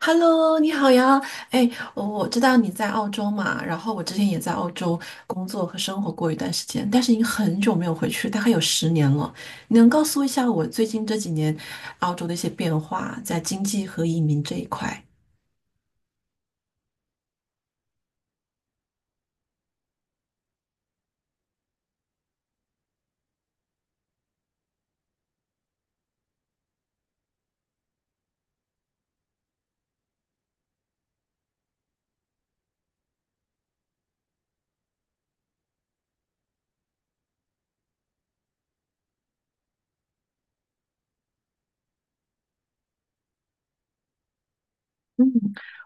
Hello，你好呀！哎，我知道你在澳洲嘛，然后我之前也在澳洲工作和生活过一段时间，但是已经很久没有回去，大概有十年了。你能告诉我一下我最近这几年澳洲的一些变化，在经济和移民这一块？嗯，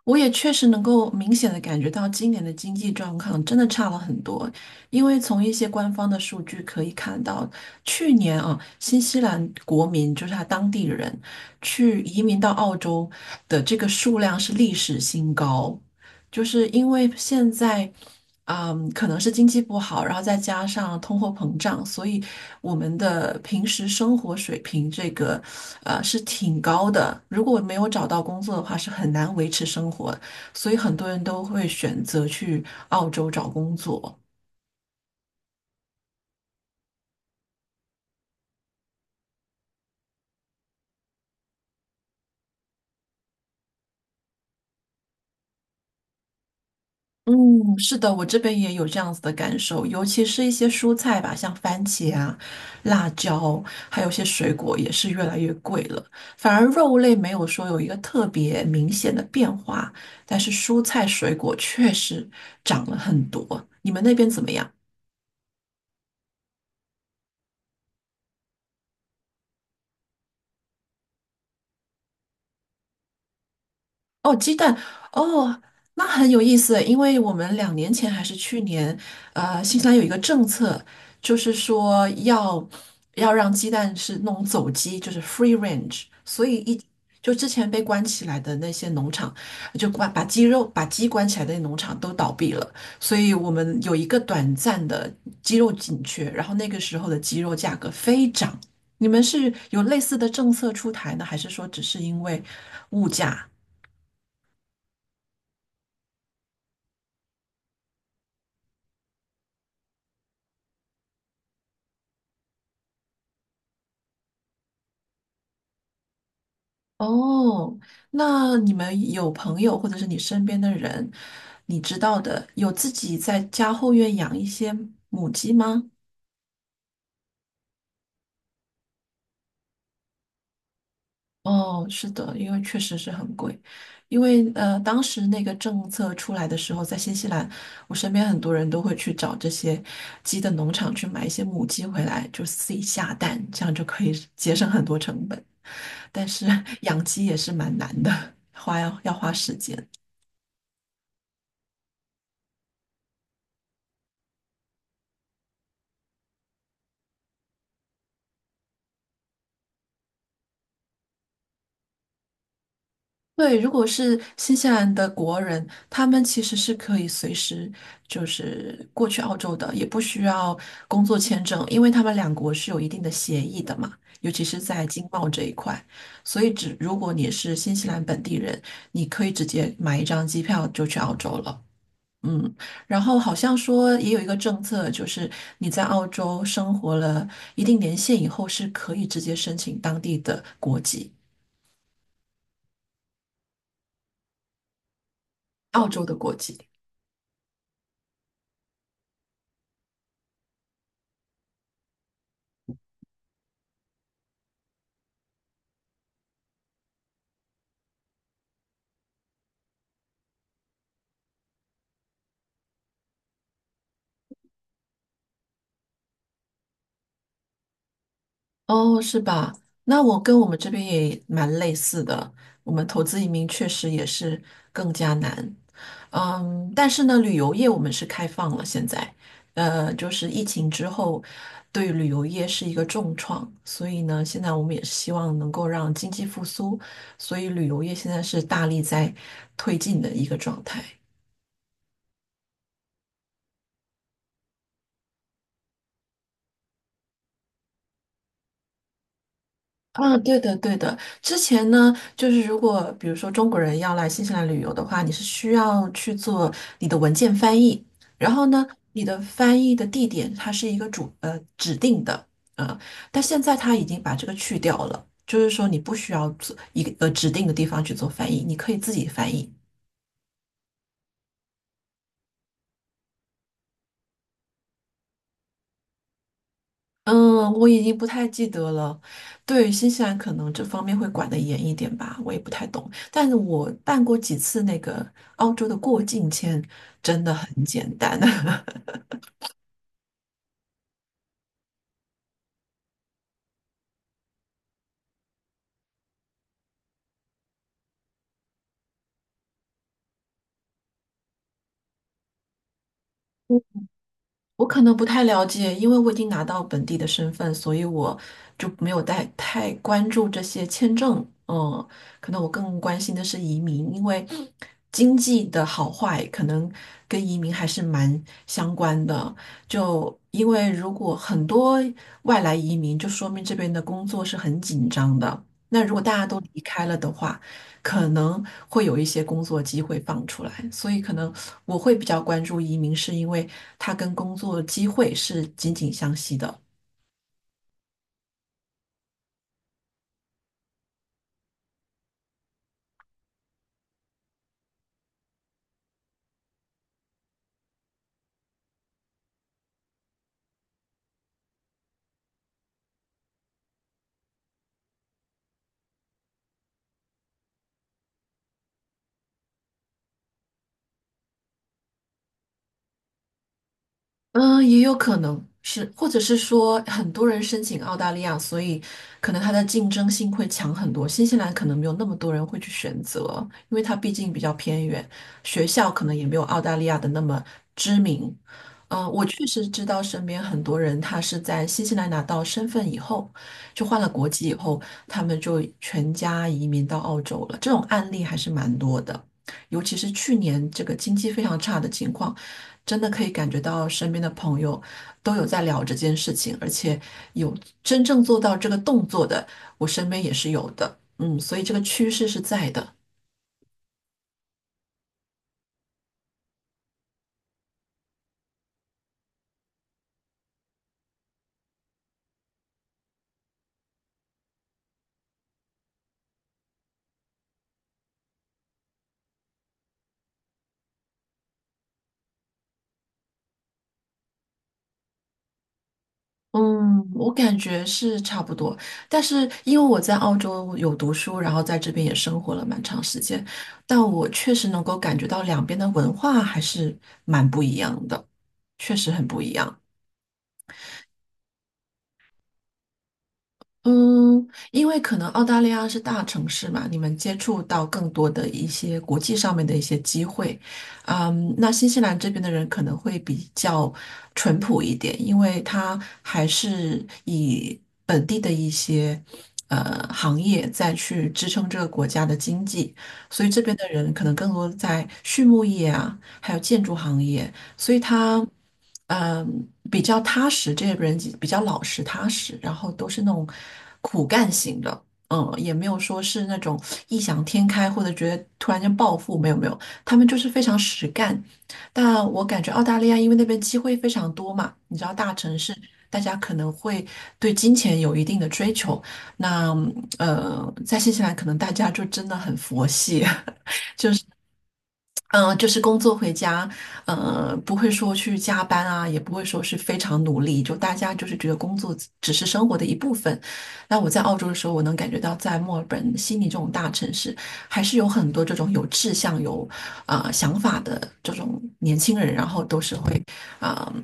我也确实能够明显的感觉到今年的经济状况真的差了很多，因为从一些官方的数据可以看到，去年啊，新西兰国民就是他当地人去移民到澳洲的这个数量是历史新高。就是因为现在，嗯，可能是经济不好，然后再加上通货膨胀，所以我们的平时生活水平这个，是挺高的。如果没有找到工作的话，是很难维持生活，所以很多人都会选择去澳洲找工作。嗯，是的，我这边也有这样子的感受，尤其是一些蔬菜吧，像番茄啊、辣椒，还有一些水果也是越来越贵了。反而肉类没有说有一个特别明显的变化，但是蔬菜水果确实涨了很多。你们那边怎么样？哦，鸡蛋哦，那很有意思，因为我们两年前还是去年，新西兰有一个政策，就是说要让鸡蛋是那种走鸡，就是 free range，所以一就之前被关起来的那些农场，就关把鸡肉把鸡关起来的农场都倒闭了，所以我们有一个短暂的鸡肉紧缺，然后那个时候的鸡肉价格飞涨。你们是有类似的政策出台呢，还是说只是因为物价？哦，那你们有朋友或者是你身边的人，你知道的，有自己在家后院养一些母鸡吗？哦，是的，因为确实是很贵，因为当时那个政策出来的时候，在新西兰，我身边很多人都会去找这些鸡的农场去买一些母鸡回来，就自己下蛋，这样就可以节省很多成本。但是 养鸡也是蛮难的，花要花时间。对，如果是新西兰的国人，他们其实是可以随时就是过去澳洲的，也不需要工作签证，因为他们两国是有一定的协议的嘛，尤其是在经贸这一块。所以只，如果你是新西兰本地人，你可以直接买一张机票就去澳洲了。嗯，然后好像说也有一个政策，就是你在澳洲生活了一定年限以后，是可以直接申请当地的国籍，澳洲的国籍。哦，是吧？那我跟我们这边也蛮类似的，我们投资移民确实也是更加难。嗯，但是呢，旅游业我们是开放了，现在，就是疫情之后，对旅游业是一个重创，所以呢，现在我们也是希望能够让经济复苏，所以旅游业现在是大力在推进的一个状态。嗯，对的，对的。之前呢，就是如果比如说中国人要来新西兰旅游的话，你是需要去做你的文件翻译，然后呢，你的翻译的地点它是一个指定的啊、呃但现在它已经把这个去掉了，就是说你不需要做一个指定的地方去做翻译，你可以自己翻译。嗯，我已经不太记得了。对，新西兰可能这方面会管得严一点吧，我也不太懂。但是我办过几次那个澳洲的过境签，真的很简单。我可能不太了解，因为我已经拿到本地的身份，所以我就没有太关注这些签证。嗯，可能我更关心的是移民，因为经济的好坏可能跟移民还是蛮相关的。就因为如果很多外来移民，就说明这边的工作是很紧张的。那如果大家都离开了的话，可能会有一些工作机会放出来，所以可能我会比较关注移民，是因为它跟工作机会是紧紧相系的。嗯，也有可能是，或者是说很多人申请澳大利亚，所以可能它的竞争性会强很多。新西兰可能没有那么多人会去选择，因为它毕竟比较偏远，学校可能也没有澳大利亚的那么知名。嗯，我确实知道身边很多人，他是在新西兰拿到身份以后，就换了国籍以后，他们就全家移民到澳洲了。这种案例还是蛮多的，尤其是去年这个经济非常差的情况。真的可以感觉到身边的朋友都有在聊这件事情，而且有真正做到这个动作的，我身边也是有的。嗯，所以这个趋势是在的。嗯，我感觉是差不多，但是因为我在澳洲有读书，然后在这边也生活了蛮长时间，但我确实能够感觉到两边的文化还是蛮不一样的，确实很不一样。嗯，因为可能澳大利亚是大城市嘛，你们接触到更多的一些国际上面的一些机会。嗯，那新西兰这边的人可能会比较淳朴一点，因为他还是以本地的一些行业再去支撑这个国家的经济，所以这边的人可能更多在畜牧业啊，还有建筑行业。所以他嗯比较踏实，这些人比较老实踏实，然后都是那种苦干型的，嗯，也没有说是那种异想天开或者觉得突然间暴富，没有没有，他们就是非常实干。但我感觉澳大利亚因为那边机会非常多嘛，你知道大城市。大家可能会对金钱有一定的追求，那在新西兰可能大家就真的很佛系，嗯，就是工作回家，不会说去加班啊，也不会说是非常努力，就大家就是觉得工作只是生活的一部分。那我在澳洲的时候，我能感觉到在墨尔本、悉尼这种大城市，还是有很多这种有志向、有啊想法的这种年轻人，然后都是会啊、呃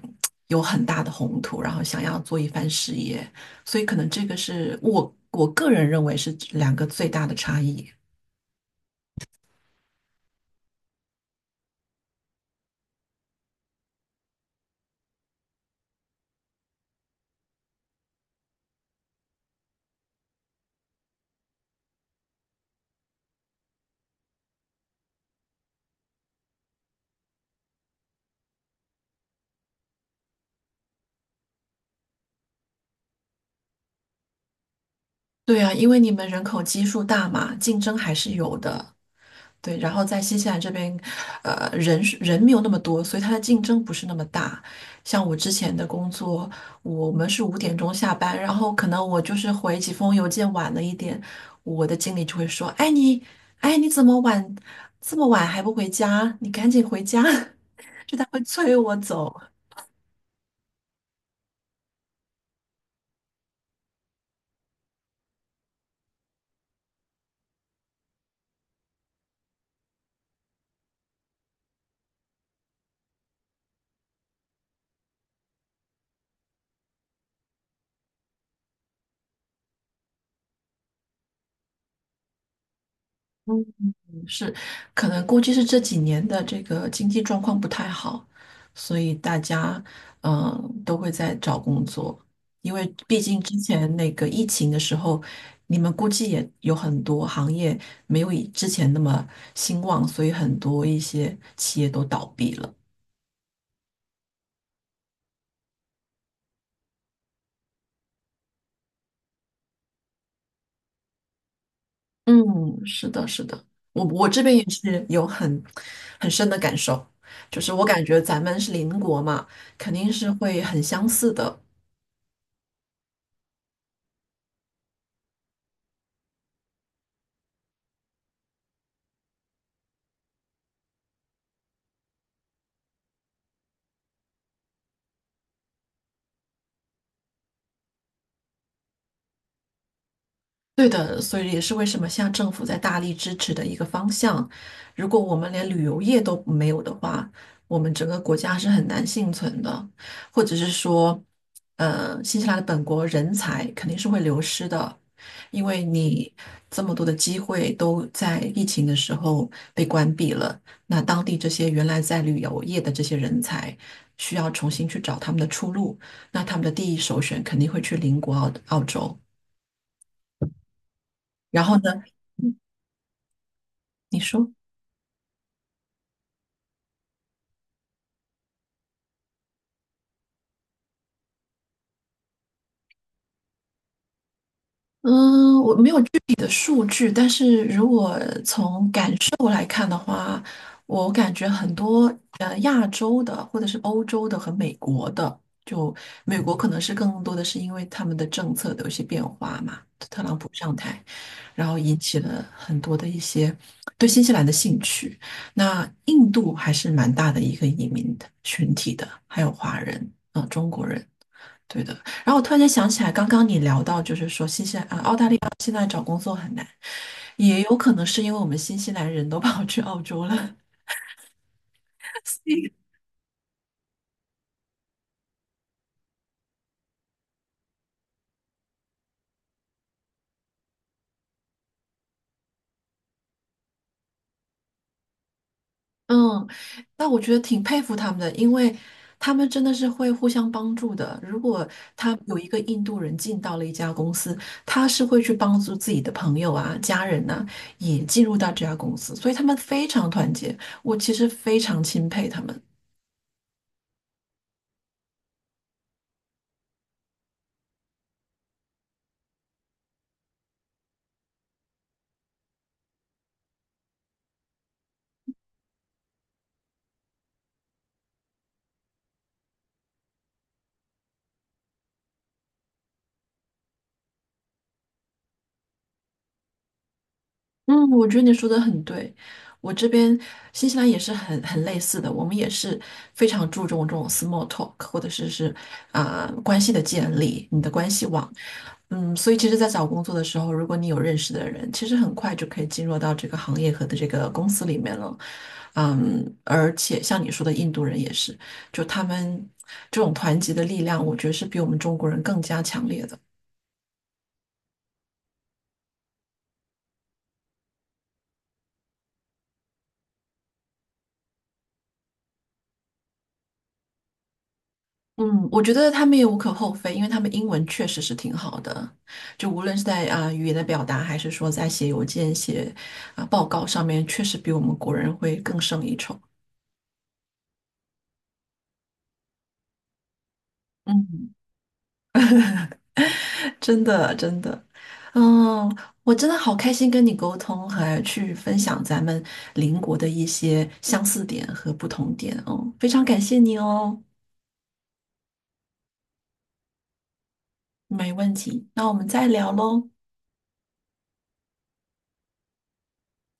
有很大的宏图，然后想要做一番事业，所以可能这个是我个人认为是两个最大的差异。对啊，因为你们人口基数大嘛，竞争还是有的。对，然后在新西兰这边，人没有那么多，所以它的竞争不是那么大。像我之前的工作，我们是五点钟下班，然后可能我就是回几封邮件晚了一点，我的经理就会说：“哎你，哎你怎么晚这么晚还不回家？你赶紧回家！” 就他会催我走。是，可能估计是这几年的这个经济状况不太好，所以大家都会在找工作，因为毕竟之前那个疫情的时候，你们估计也有很多行业没有以之前那么兴旺，所以很多一些企业都倒闭了。嗯，是的，是的，我这边也是有很深的感受，就是我感觉咱们是邻国嘛，肯定是会很相似的。对的，所以也是为什么现在政府在大力支持的一个方向。如果我们连旅游业都没有的话，我们整个国家是很难幸存的，或者是说，新西兰的本国人才肯定是会流失的，因为你这么多的机会都在疫情的时候被关闭了，那当地这些原来在旅游业的这些人才需要重新去找他们的出路，那他们的第一首选肯定会去邻国澳洲，然后呢，你说。嗯，我没有具体的数据，但是如果从感受来看的话，我感觉很多亚洲的或者是欧洲的和美国的，就美国可能是更多的是因为他们的政策的有一些变化嘛，特朗普上台，然后引起了很多的一些对新西兰的兴趣。那印度还是蛮大的一个移民的群体的，还有华人中国人。对的，然后我突然间想起来，刚刚你聊到，就是说新西兰啊，澳大利亚现在找工作很难，也有可能是因为我们新西兰人都跑去澳洲了。所以嗯，那我觉得挺佩服他们的，因为他们真的是会互相帮助的。如果他有一个印度人进到了一家公司，他是会去帮助自己的朋友啊、家人呐、也进入到这家公司，所以他们非常团结。我其实非常钦佩他们。嗯，我觉得你说的很对。我这边新西兰也是很类似的，我们也是非常注重这种 small talk，或者是关系的建立，你的关系网。嗯，所以其实，在找工作的时候，如果你有认识的人，其实很快就可以进入到这个行业和的这个公司里面了。嗯，而且像你说的，印度人也是，就他们这种团结的力量，我觉得是比我们中国人更加强烈的。嗯，我觉得他们也无可厚非，因为他们英文确实是挺好的，就无论是在语言的表达，还是说在写邮件、写报告上面，确实比我们国人会更胜一筹。嗯，真的真的，嗯，我真的好开心跟你沟通，还去分享咱们邻国的一些相似点和不同点哦，非常感谢你哦，没问题，那我们再聊喽。